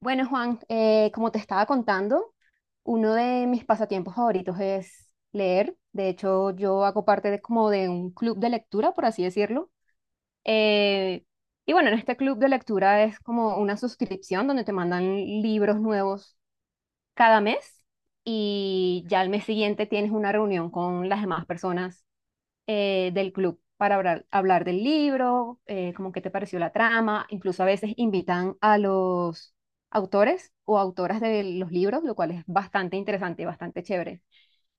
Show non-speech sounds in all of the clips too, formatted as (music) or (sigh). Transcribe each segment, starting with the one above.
Bueno, Juan, como te estaba contando, uno de mis pasatiempos favoritos es leer. De hecho, yo hago parte de como de un club de lectura, por así decirlo. Eh, y bueno, en este club de lectura es como una suscripción donde te mandan libros nuevos cada mes y ya al mes siguiente tienes una reunión con las demás personas del club para hablar del libro, como qué te pareció la trama, incluso a veces invitan a los autores o autoras de los libros, lo cual es bastante interesante y bastante chévere.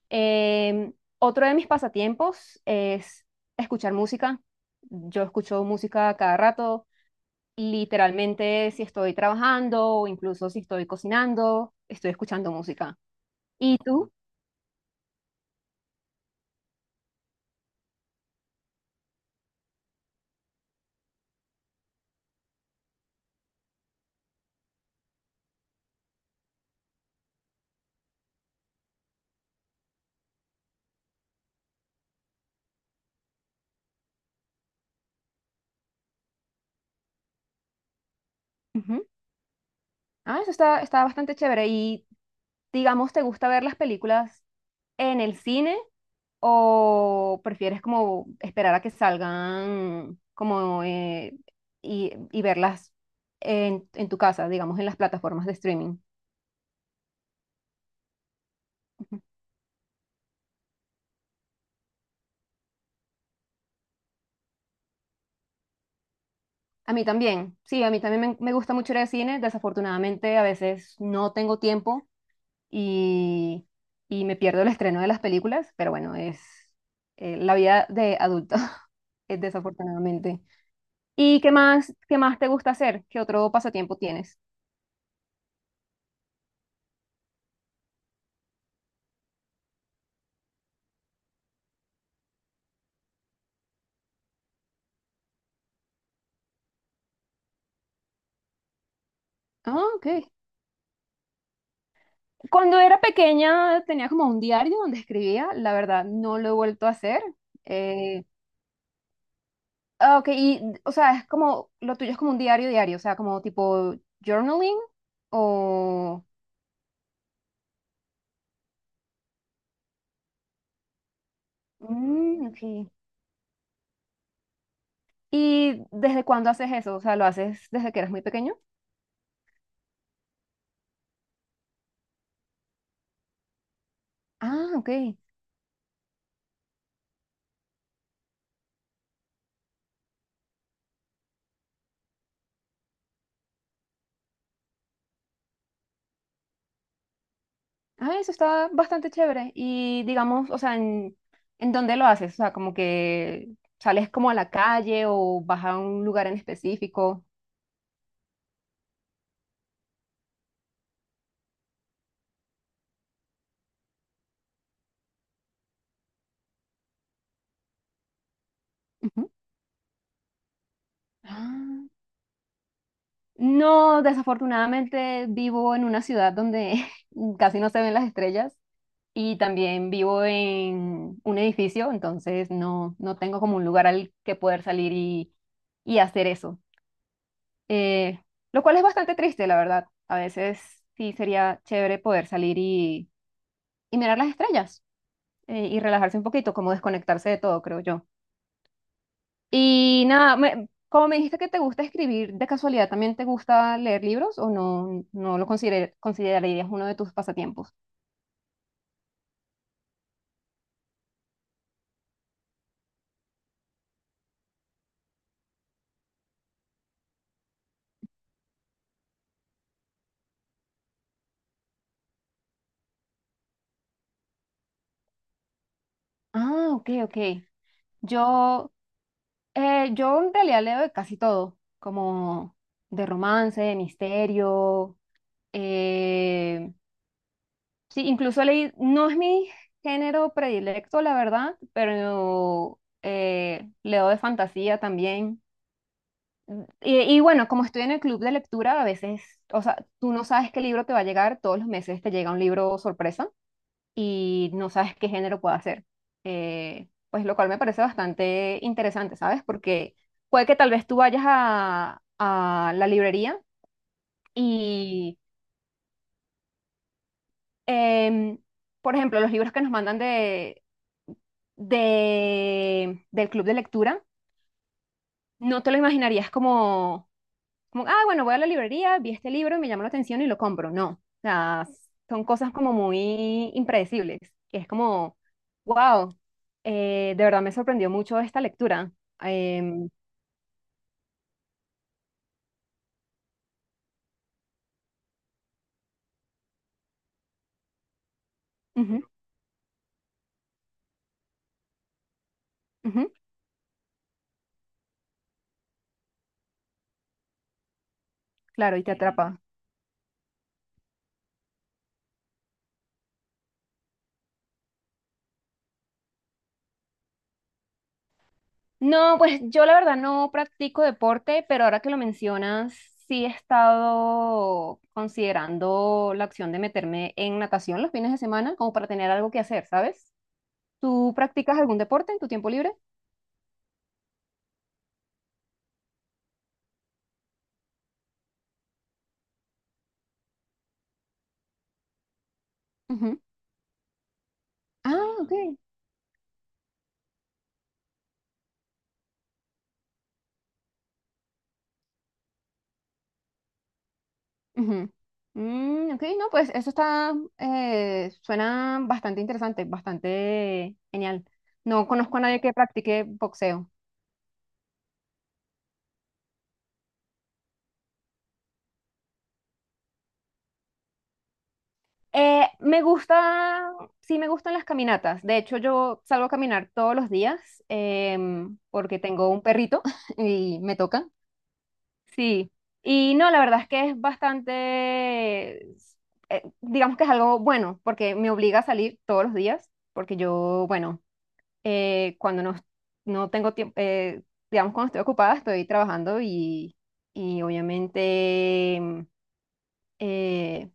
Em, Otro de mis pasatiempos es escuchar música. Yo escucho música cada rato, literalmente si estoy trabajando o incluso si estoy cocinando, estoy escuchando música. ¿Y tú? Ujú. Ah, está bastante chévere. Y digamos, ¿te gusta ver las películas en el cine o prefieres como esperar a que salgan como y verlas en tu casa, digamos, en las plataformas de streaming? Ujú. A mí también, sí, a mí también me gusta mucho ir al cine. Desafortunadamente, a veces no tengo tiempo y, y me pierdo el estreno de las películas, pero bueno, es la vida de adulto, (laughs) desafortunadamente. ¿Y qué más te gusta hacer? ¿Qué otro pasatiempo tienes? Ah, ok. Cuando era pequeña tenía como un diario donde escribía, la verdad no lo he vuelto a hacer. Eh, ah, ok, y o sea, es como, lo tuyo es como un diario diario, o sea, como tipo journaling o... Mm, ok. ¿Y desde cuándo haces eso? O sea, ¿lo haces desde que eras muy pequeño? Ah, ok. Ah, eso está bastante chévere. Y digamos, o sea, ¿en dónde lo haces? O sea, como que sales como a la calle o vas a un lugar en específico. Ujú. Ah. No, desafortunadamente vivo en una ciudad donde (laughs) casi no se ven las estrellas y también vivo en un edificio, entonces no tengo como un lugar al que poder salir y hacer eso. Eh, lo cual es bastante triste, la verdad. A veces sí sería chévere poder salir y mirar las estrellas y relajarse un poquito, como desconectarse de todo, creo yo. Y nada, como me dijiste que te gusta escribir, ¿de casualidad también te gusta leer libros o no, no lo considerarías uno de tus pasatiempos? Ah, ok, ok. Yo, yo en realidad leo de casi todo, como de romance, de misterio. eh, sí, incluso leí, no es mi género predilecto, la verdad, pero leo de fantasía también. Y bueno, como estoy en el club de lectura, a veces, o sea, tú no sabes qué libro te va a llegar, todos los meses te llega un libro sorpresa y no sabes qué género puede ser. Pues lo cual me parece bastante interesante, ¿sabes? Porque puede que tal vez tú vayas a la librería y, em, por ejemplo, los libros que nos mandan del club de lectura, no te lo imaginarías como, ah, bueno, voy a la librería, vi este libro y me llamó la atención y lo compro. No, o sea, son cosas como muy impredecibles, que es como, wow, de verdad me sorprendió mucho esta lectura. Em, ujú, ujú, claro, y te atrapa. No, pues yo la verdad no practico deporte, pero ahora que lo mencionas, sí he estado considerando la opción de meterme en natación los fines de semana, como para tener algo que hacer, ¿sabes? ¿Tú practicas algún deporte en tu tiempo libre? Ujú. Ah, ok. Ujú. Mm, ok, no, pues eso está, suena bastante interesante, bastante genial. No conozco a nadie que practique boxeo. Eh, me gusta, sí me gustan las caminatas. De hecho, yo salgo a caminar todos los días porque tengo un perrito (laughs) y me toca. Sí. Y no, la verdad es que es bastante, digamos que es algo bueno porque me obliga a salir todos los días porque yo, bueno. Cuando no, no tengo tiempo, digamos, cuando estoy ocupada, estoy trabajando y obviamente eh,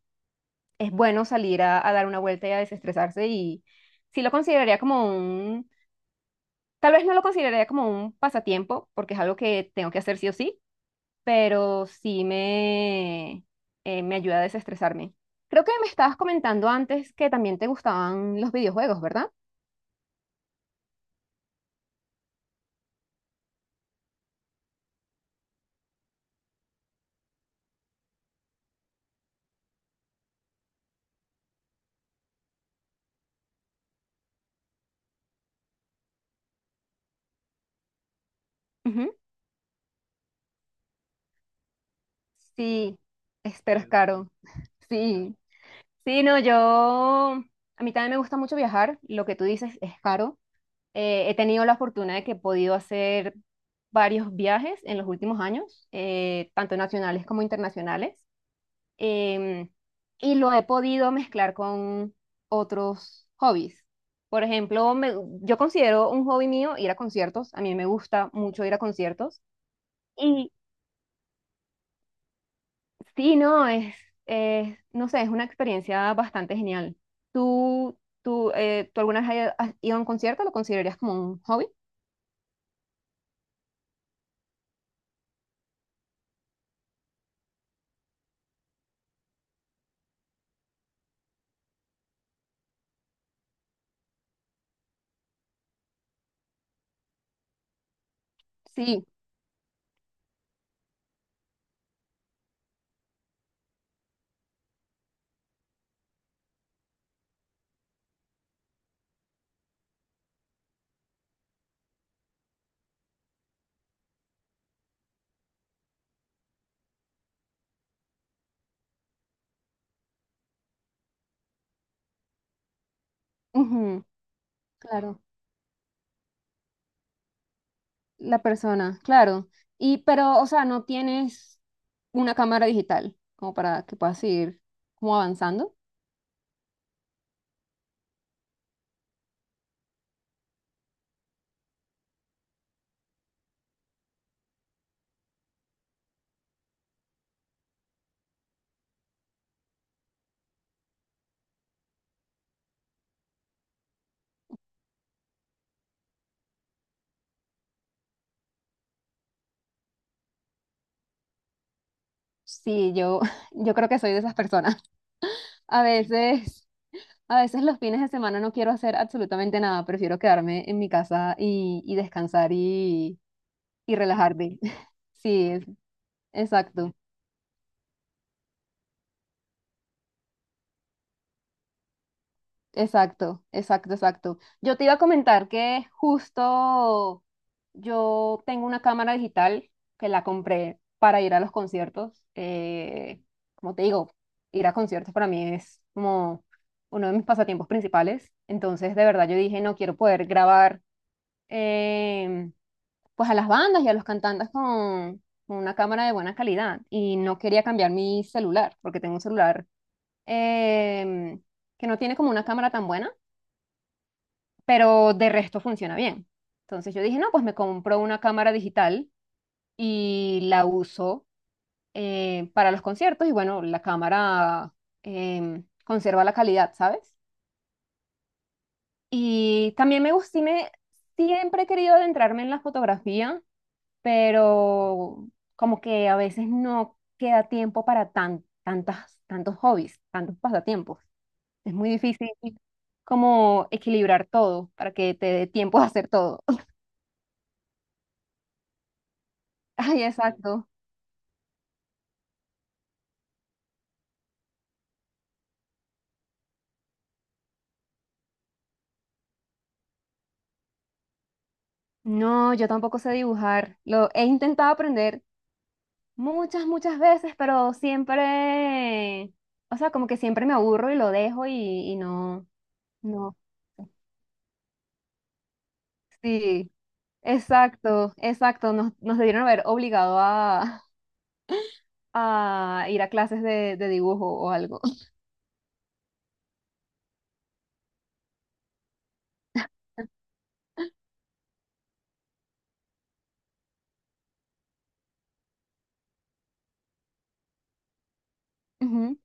es bueno salir a dar una vuelta y a desestresarse y sí lo consideraría tal vez no lo consideraría como un pasatiempo, porque es algo que tengo que hacer sí o sí, pero me ayuda a desestresarme. Creo que me estabas comentando antes que también te gustaban los videojuegos, ¿verdad? Ujú. Sí, espero es caro. Sí. Sí, no, yo, a mí también me gusta mucho viajar, lo que tú dices es caro. He tenido la fortuna de que he podido hacer varios viajes en los últimos años, tanto nacionales como internacionales, em, y lo he podido mezclar con otros hobbies. Por ejemplo, yo considero un hobby mío ir a conciertos, a mí me gusta mucho ir a conciertos. y Sí, no, es, es, no sé, es una experiencia bastante genial. ¿Tú alguna vez has ido a un concierto? ¿Lo considerarías como un hobby? Sí, ujú, claro, la persona, claro. Pero, o sea, no tienes una cámara digital como para que puedas ir como avanzando. Sí, yo, (laughs) yo creo que soy de esas personas. (laughs) A veces, a veces los fines de semana no quiero hacer absolutamente nada, prefiero quedarme en mi casa y descansar y relajarme. Sí, es- exacto, exacto. Yo te iba a comentar que justo yo tengo una cámara digital que la compré para ir a los conciertos. Como te digo, ir a conciertos para mí es como uno de mis pasatiempos principales. Entonces, de verdad, yo dije, no quiero poder grabar em, pues a las bandas y a los cantantes con una cámara de buena calidad. Y no quería cambiar mi celular, porque tengo un celular em, que no tiene como una cámara tan buena, pero de resto funciona bien. Entonces yo dije, no, pues me compro una cámara digital y la uso para los conciertos y bueno, la cámara conserva la calidad, ¿sabes? Y también me gustó, me, siempre he querido adentrarme en la fotografía, pero como que a veces no queda tiempo para tantos hobbies, tantos pasatiempos. Es muy difícil como equilibrar todo para que te dé tiempo de hacer todo. (laughs) Ay, exacto. No, yo tampoco sé dibujar. Lo he intentado aprender muchas veces, pero siempre, o sea, como que siempre me aburro y lo dejo y no, no. Sí, exacto. Nos debieron haber obligado a ir a clases de dibujo o algo. (laughs) Ujú.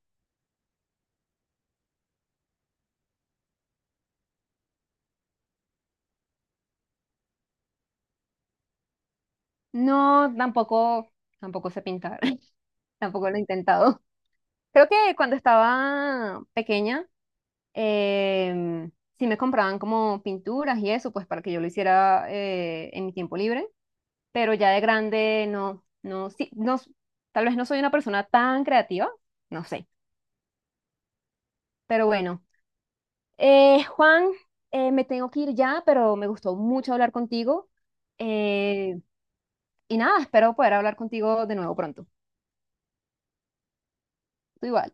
No, tampoco, tampoco sé pintar. (laughs) Tampoco lo he intentado. Creo que cuando estaba pequeña, em, sí me compraban como pinturas y eso, pues para que yo lo hiciera en mi tiempo libre, pero ya de grande tal vez no soy una persona tan creativa, no sé, pero bueno. Juan, me tengo que ir ya, pero me gustó mucho hablar contigo eh, y nada, espero poder hablar contigo de nuevo pronto. Tú igual.